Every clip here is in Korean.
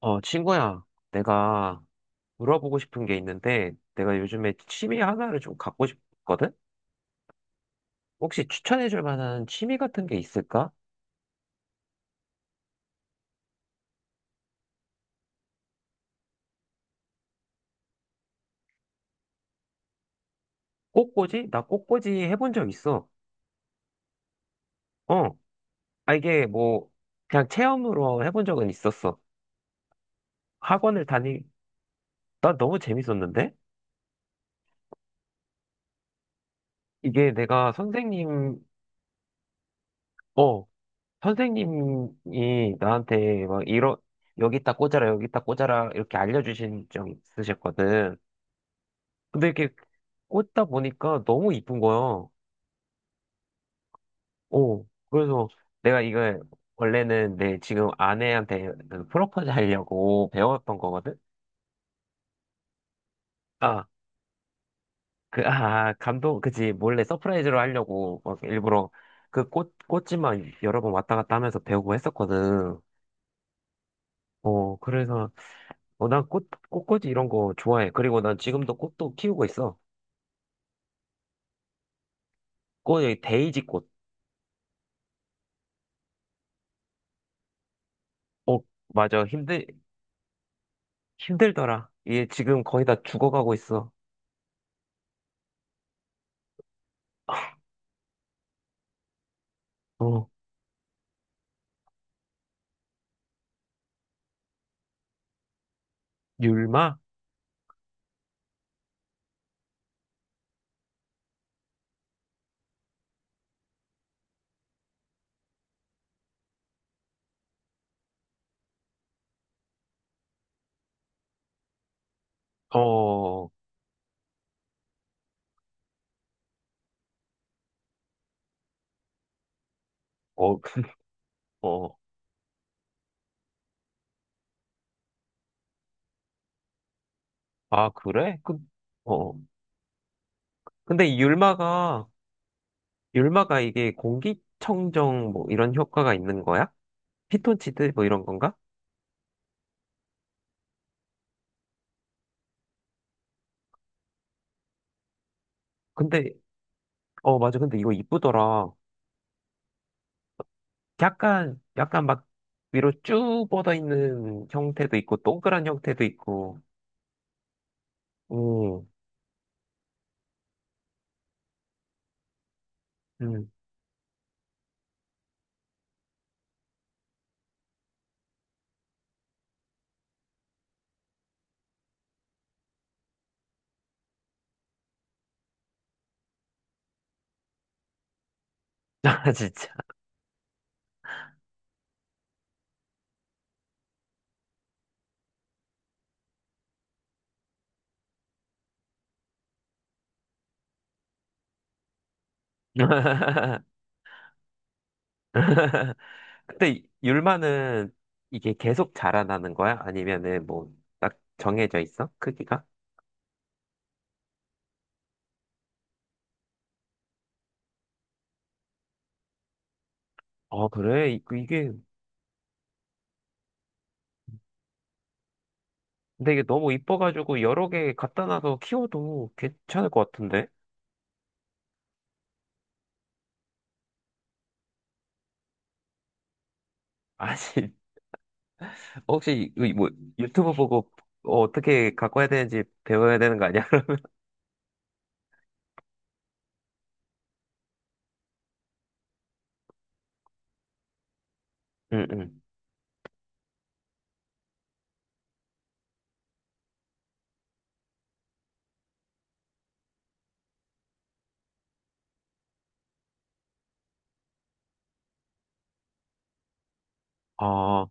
어, 친구야, 내가 물어보고 싶은 게 있는데, 내가 요즘에 취미 하나를 좀 갖고 싶거든? 혹시 추천해줄 만한 취미 같은 게 있을까? 꽃꽂이? 나 꽃꽂이 해본 적 있어. 어, 이게 뭐, 그냥 체험으로 해본 적은 있었어. 학원을 다니, 나 너무 재밌었는데? 이게 내가 선생님, 어, 선생님이 나한테 막 여기다 꽂아라, 여기다 꽂아라, 이렇게 알려주신 적 있으셨거든. 근데 이렇게 꽂다 보니까 너무 이쁜 거야. 어, 그래서 내가 이걸 원래는 내 지금 아내한테 그 프로포즈 하려고 배웠던 거거든? 아, 그, 아, 감동, 그지. 몰래 서프라이즈로 하려고 막 일부러 그 꽃지만 여러 번 왔다 갔다 하면서 배우고 했었거든. 그래서, 난 꽃꽂이 이런 거 좋아해. 그리고 난 지금도 꽃도 키우고 있어. 여기 데이지 꽃. 어, 맞아. 힘들더라. 얘 지금 거의 다 죽어가고 있어. 어. 율마? 어, 어, 어, 아, 그래? 그, 어. 근데 이 율마가 이게 공기청정 뭐 이런 효과가 있는 거야? 피톤치드 뭐 이런 건가? 근데, 맞아. 근데 이거 이쁘더라. 약간 막 위로 쭉 뻗어 있는 형태도 있고, 동그란 형태도 있고, 오. 아, 진짜. 근데 율마는 이게 계속 자라나는 거야? 아니면은 뭐, 딱 정해져 있어? 크기가? 아, 그래? 근데 이게 너무 이뻐가지고 여러 개 갖다 놔서 키워도 괜찮을 것 같은데? 아니, 혹시 뭐 유튜브 보고 어떻게 갖고 해야 되는지 배워야 되는 거 아니야? 응, 응. 아,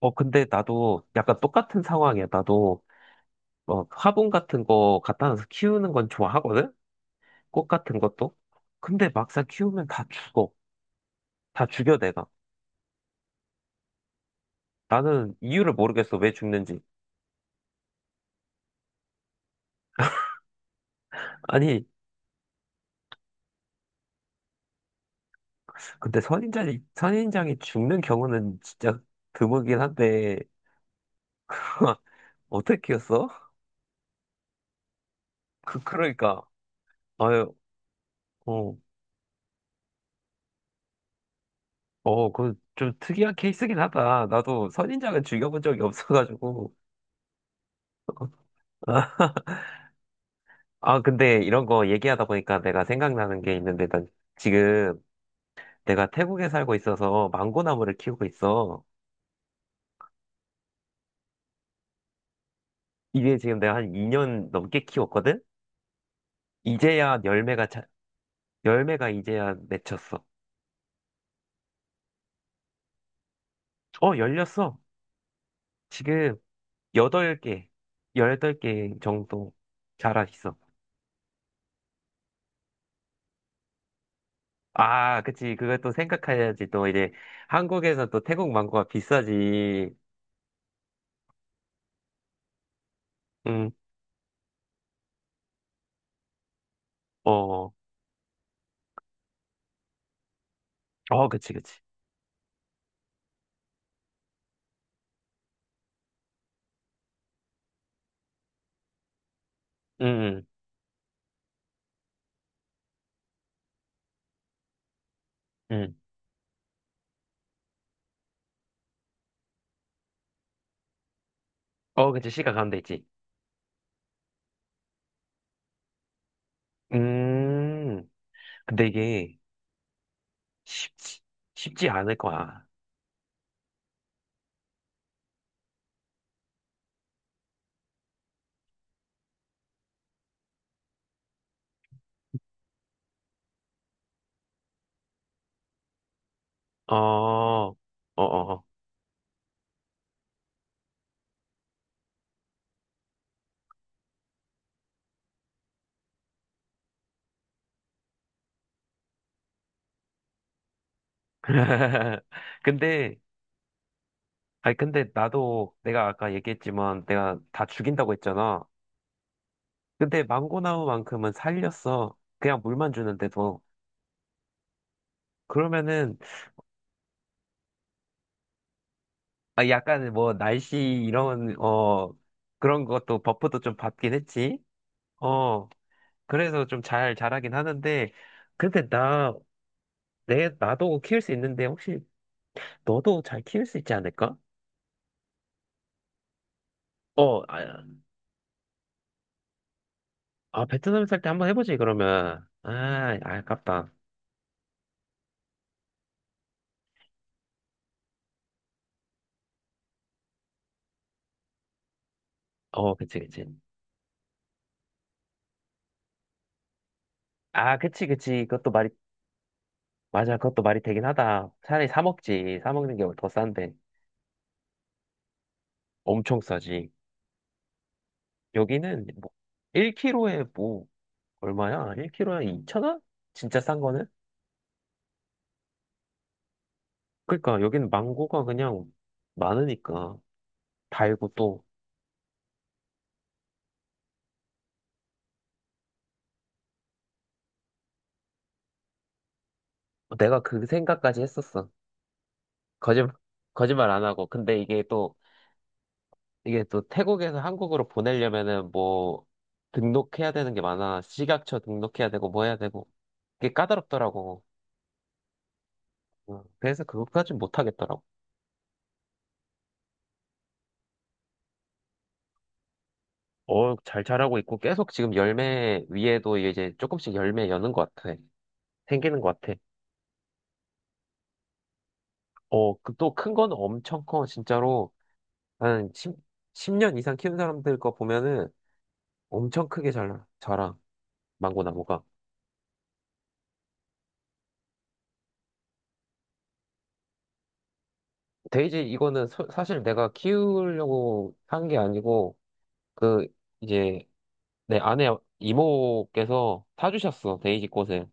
어, 근데 나도 약간 똑같은 상황이야. 나도 뭐 화분 같은 거 갖다 놔서 키우는 건 좋아하거든? 꽃 같은 것도? 근데 막상 키우면 다 죽어. 다 죽여, 내가. 나는 이유를 모르겠어. 왜 죽는지. 아니, 근데 선인장이 죽는 경우는 진짜 드물긴 한데, 어떻게 키웠어? 그러니까, 아유, 어, 어, 그 좀 특이한 케이스긴 하다. 나도 선인장은 죽여본 적이 없어가지고. 아, 아, 근데 이런 거 얘기하다 보니까 내가 생각나는 게 있는데, 난 지금 내가 태국에 살고 있어서 망고나무를 키우고 있어. 이게 지금 내가 한 2년 넘게 키웠거든? 이제야 열매가 이제야 맺혔어. 어, 열렸어. 지금 여덟 개, 열덟 개 정도 자라 있어. 아, 그치. 그걸 또 생각해야지. 또 이제 한국에서 또 태국 망고가 비싸지. 음, 어, 어, 그치, 그치. 음, 음. 어, 그치. 시가 가운데 있지. 음, 근데 이게 쉽지, 쉽지 않을 거야. 어, 어, 어. 근데, 아니, 근데 나도 내가 아까 얘기했지만 내가 다 죽인다고 했잖아. 근데 망고나무만큼은 살렸어. 그냥 물만 주는데도. 그러면은, 아, 약간 뭐, 날씨, 이런, 그런 것도 버프도 좀 받긴 했지. 어, 그래서 좀 잘 자라긴 하는데, 근데 나도 키울 수 있는데, 혹시 너도 잘 키울 수 있지 않을까? 어, 아, 아, 베트남 살 때 한번 해보지, 그러면. 아, 아깝다. 어, 그치, 그치. 아, 그치, 그치. 맞아. 그것도 말이 되긴 하다. 차라리 사 먹지. 사 먹는 게 더 싼데. 엄청 싸지. 여기는 뭐 1kg에 뭐 얼마야? 1kg에 2천원 진짜 싼 거는? 그러니까 여기는 망고가 그냥 많으니까 달고 또 내가 그 생각까지 했었어. 거짓말 거짓말 안 하고. 근데 이게 또 태국에서 한국으로 보내려면은 뭐 등록해야 되는 게 많아. 식약처 등록해야 되고 뭐 해야 되고. 그게 까다롭더라고. 그래서 그것까진 못하겠더라고. 어, 잘 자라고 있고 계속 지금 열매 위에도 이제 조금씩 열매 여는 것 같아. 생기는 것 같아. 어, 그 또 큰 건 엄청 커, 진짜로. 한 10 년 이상 키운 사람들 거 보면은 엄청 크게 자라, 망고 나무가. 데이지 이거는 사실 내가 키우려고 한 게 아니고 그 이제 내 아내 이모께서 사주셨어, 데이지 꽃을.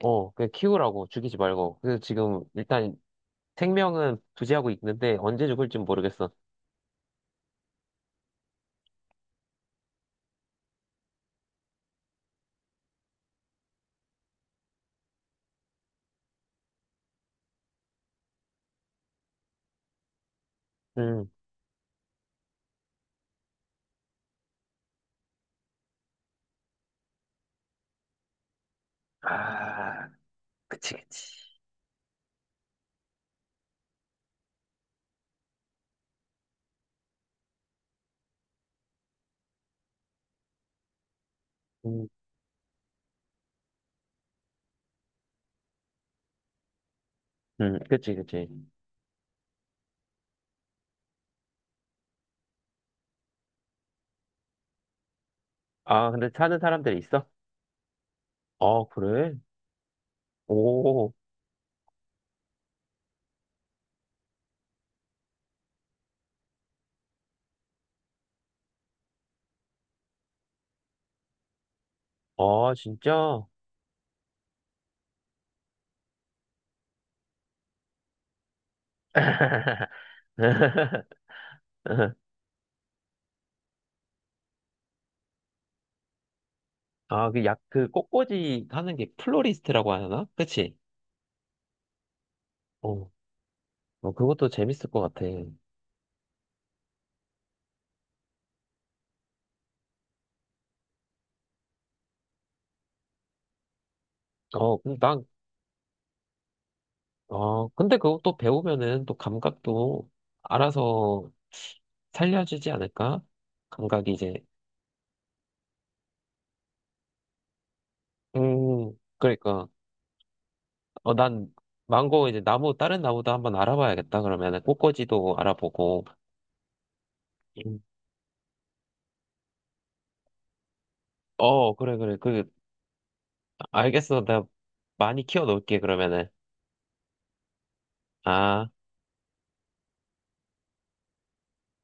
그냥 키우라고, 죽이지 말고. 그래서 지금 일단 생명은 부지하고 있는데 언제 죽을지 모르겠어. 음. 아, 그치, 그치. 음, 그치, 그치. 아, 근데 사는 사람들 있어? 아, 그래? 오, 아, 진짜? 아, 그 그 꽃꽂이 하는 게 플로리스트라고 하나? 그치? 어, 어, 그것도 재밌을 것 같아. 어, 근데 근데 그것도 배우면은 또 감각도 알아서 살려주지 않을까? 감각이 이제, 음, 그러니까. 어, 난 망고 이제 나무 다른 나무도 한번 알아봐야겠다. 그러면은 꽃꽂이도 알아보고. 음. 어, 그래 그래. 그 알겠어. 내가 많이 키워 놓을게 그러면은. 아.